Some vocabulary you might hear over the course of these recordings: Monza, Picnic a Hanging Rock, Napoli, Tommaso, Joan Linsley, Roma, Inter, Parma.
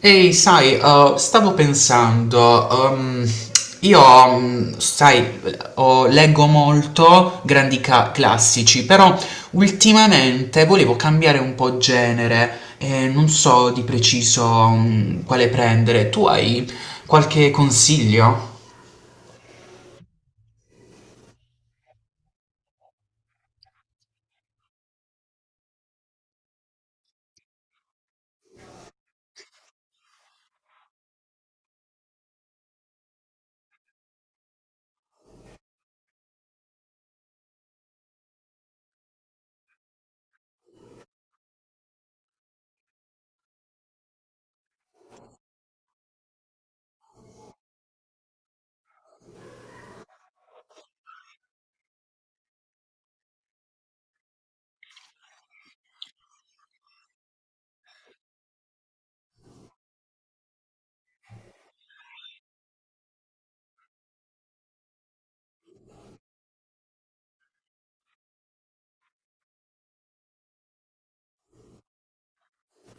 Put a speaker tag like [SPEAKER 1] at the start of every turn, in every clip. [SPEAKER 1] Ehi, sai, stavo pensando, io, sai, leggo molto grandi classici, però ultimamente volevo cambiare un po' genere e non so di preciso, quale prendere. Tu hai qualche consiglio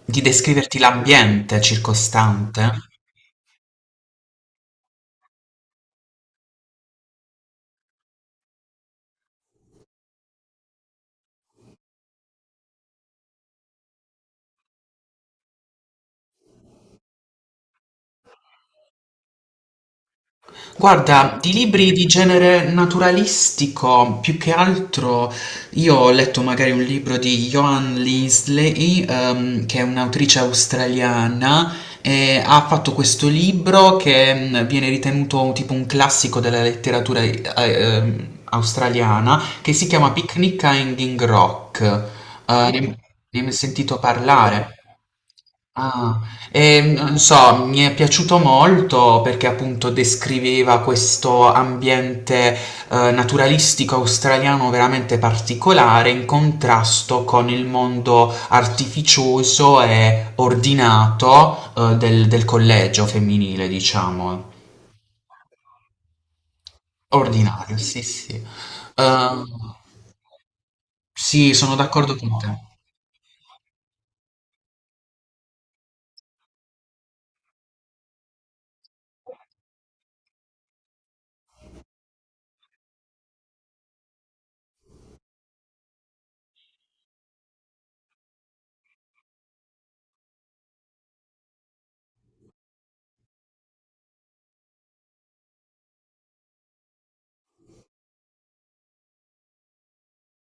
[SPEAKER 1] di descriverti l'ambiente circostante? Guarda, di libri di genere naturalistico, più che altro io ho letto magari un libro di Joan Linsley, che è un'autrice australiana, e ha fatto questo libro che viene ritenuto tipo un classico della letteratura australiana, che si chiama Picnic a Hanging Rock. Ne Mm. Ne hai mai sentito parlare? Ah, non so, mi è piaciuto molto perché appunto descriveva questo ambiente naturalistico australiano veramente particolare in contrasto con il mondo artificioso e ordinato, del, del collegio femminile, diciamo. Ordinario, sì, sì. Eh, sì, sono d'accordo con te.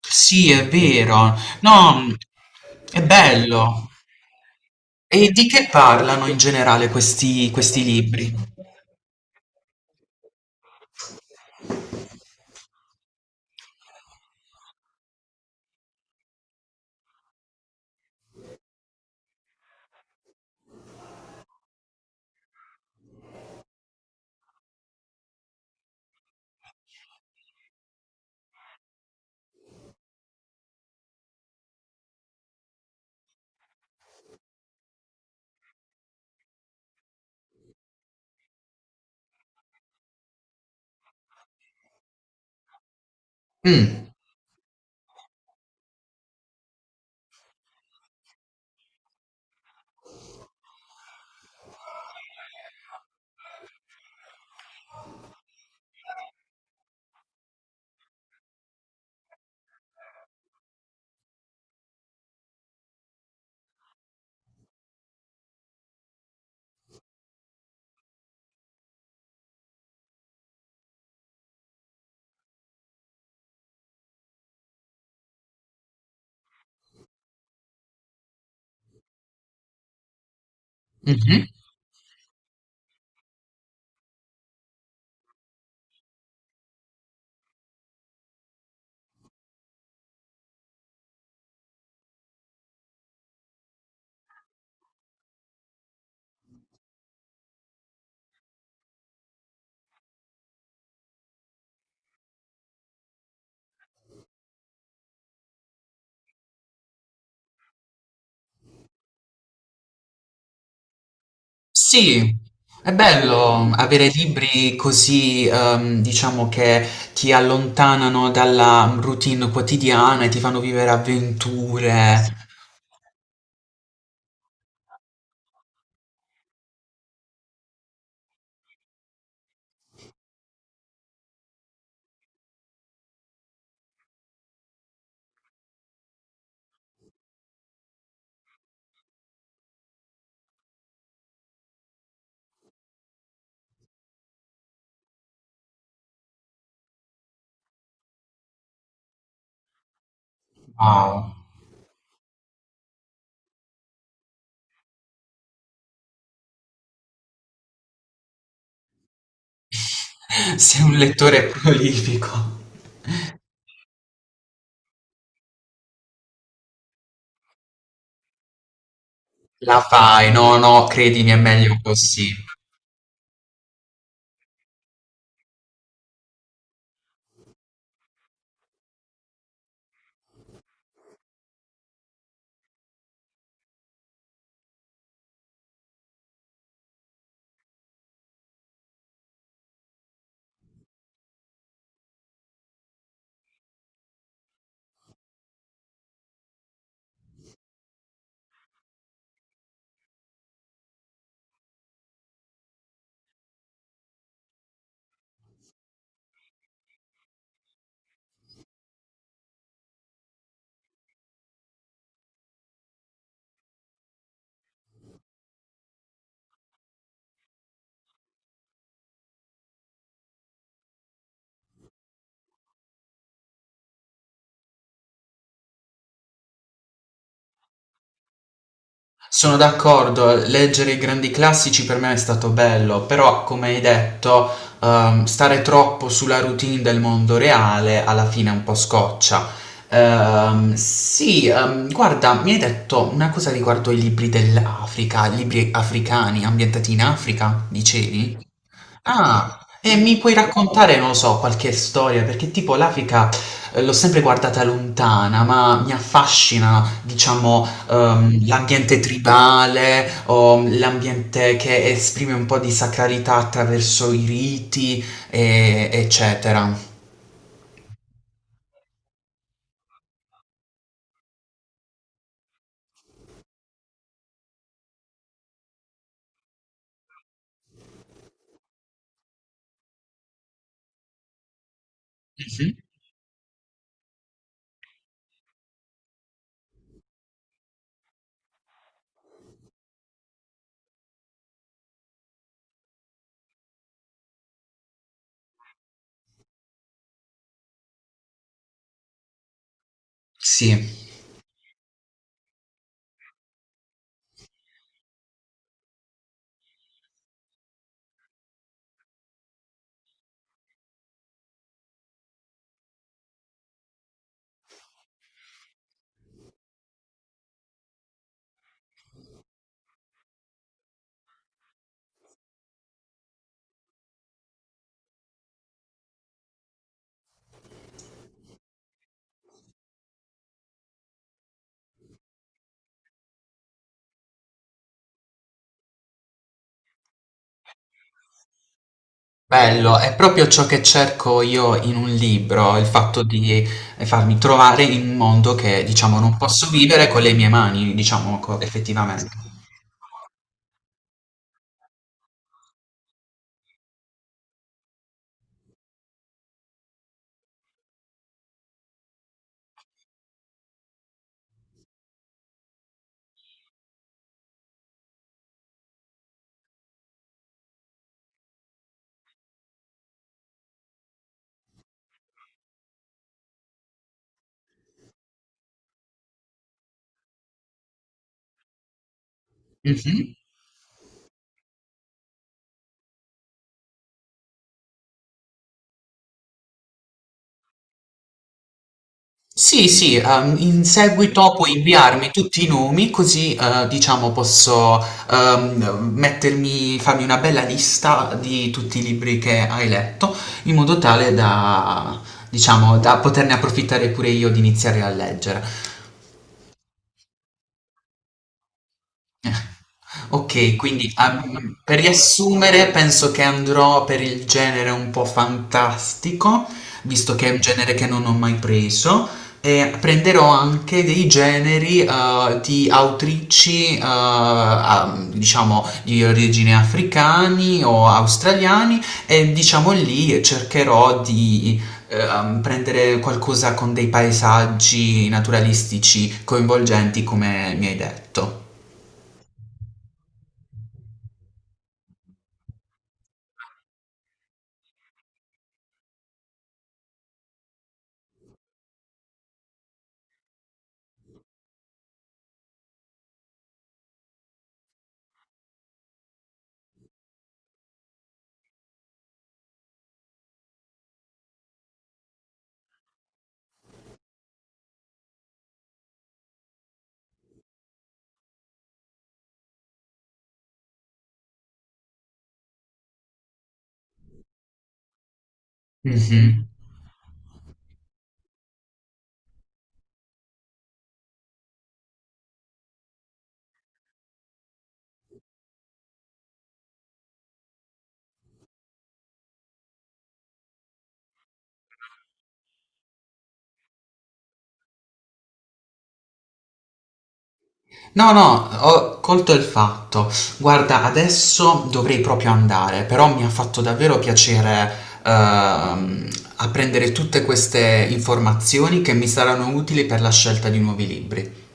[SPEAKER 1] Sì, è vero. No, è bello. E di che parlano in generale questi libri? Mh. Mh-mh. Sì, è bello avere libri così, diciamo che ti allontanano dalla routine quotidiana e ti fanno vivere avventure. Wow. Sei un lettore prolifico. La fai, no, no, credimi, è meglio così. Sono d'accordo, leggere i grandi classici per me è stato bello, però come hai detto, stare troppo sulla routine del mondo reale alla fine è un po' scoccia. Sì, guarda, mi hai detto una cosa riguardo i libri dell'Africa, libri africani ambientati in Africa, dicevi? Ah, e mi puoi raccontare, non lo so, qualche storia? Perché tipo l'Africa l'ho sempre guardata lontana, ma mi affascina, diciamo, l'ambiente tribale o l'ambiente che esprime un po' di sacralità attraverso i riti, eccetera. Mhm. Sì. Bello, è proprio ciò che cerco io in un libro, il fatto di farmi trovare in un mondo che, diciamo, non posso vivere con le mie mani, diciamo, effettivamente. Mh-mh. Sì, sì, in seguito puoi inviarmi tutti i nomi così, diciamo posso, mettermi farmi una bella lista di tutti i libri che hai letto, in modo tale da diciamo, da poterne approfittare pure io di iniziare a leggere. Ok, quindi per riassumere, penso che andrò per il genere un po' fantastico, visto che è un genere che non ho mai preso, e prenderò anche dei generi di autrici, diciamo, di origine africani o australiani, e diciamo lì cercherò di prendere qualcosa con dei paesaggi naturalistici coinvolgenti, come mi hai detto. Mhm. No, no, ho colto il fatto. Guarda, adesso dovrei proprio andare, però mi ha fatto davvero piacere ehm, apprendere tutte queste informazioni che mi saranno utili per la scelta di nuovi libri.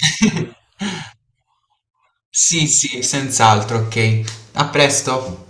[SPEAKER 1] Sì, sì, senz'altro, ok. A presto.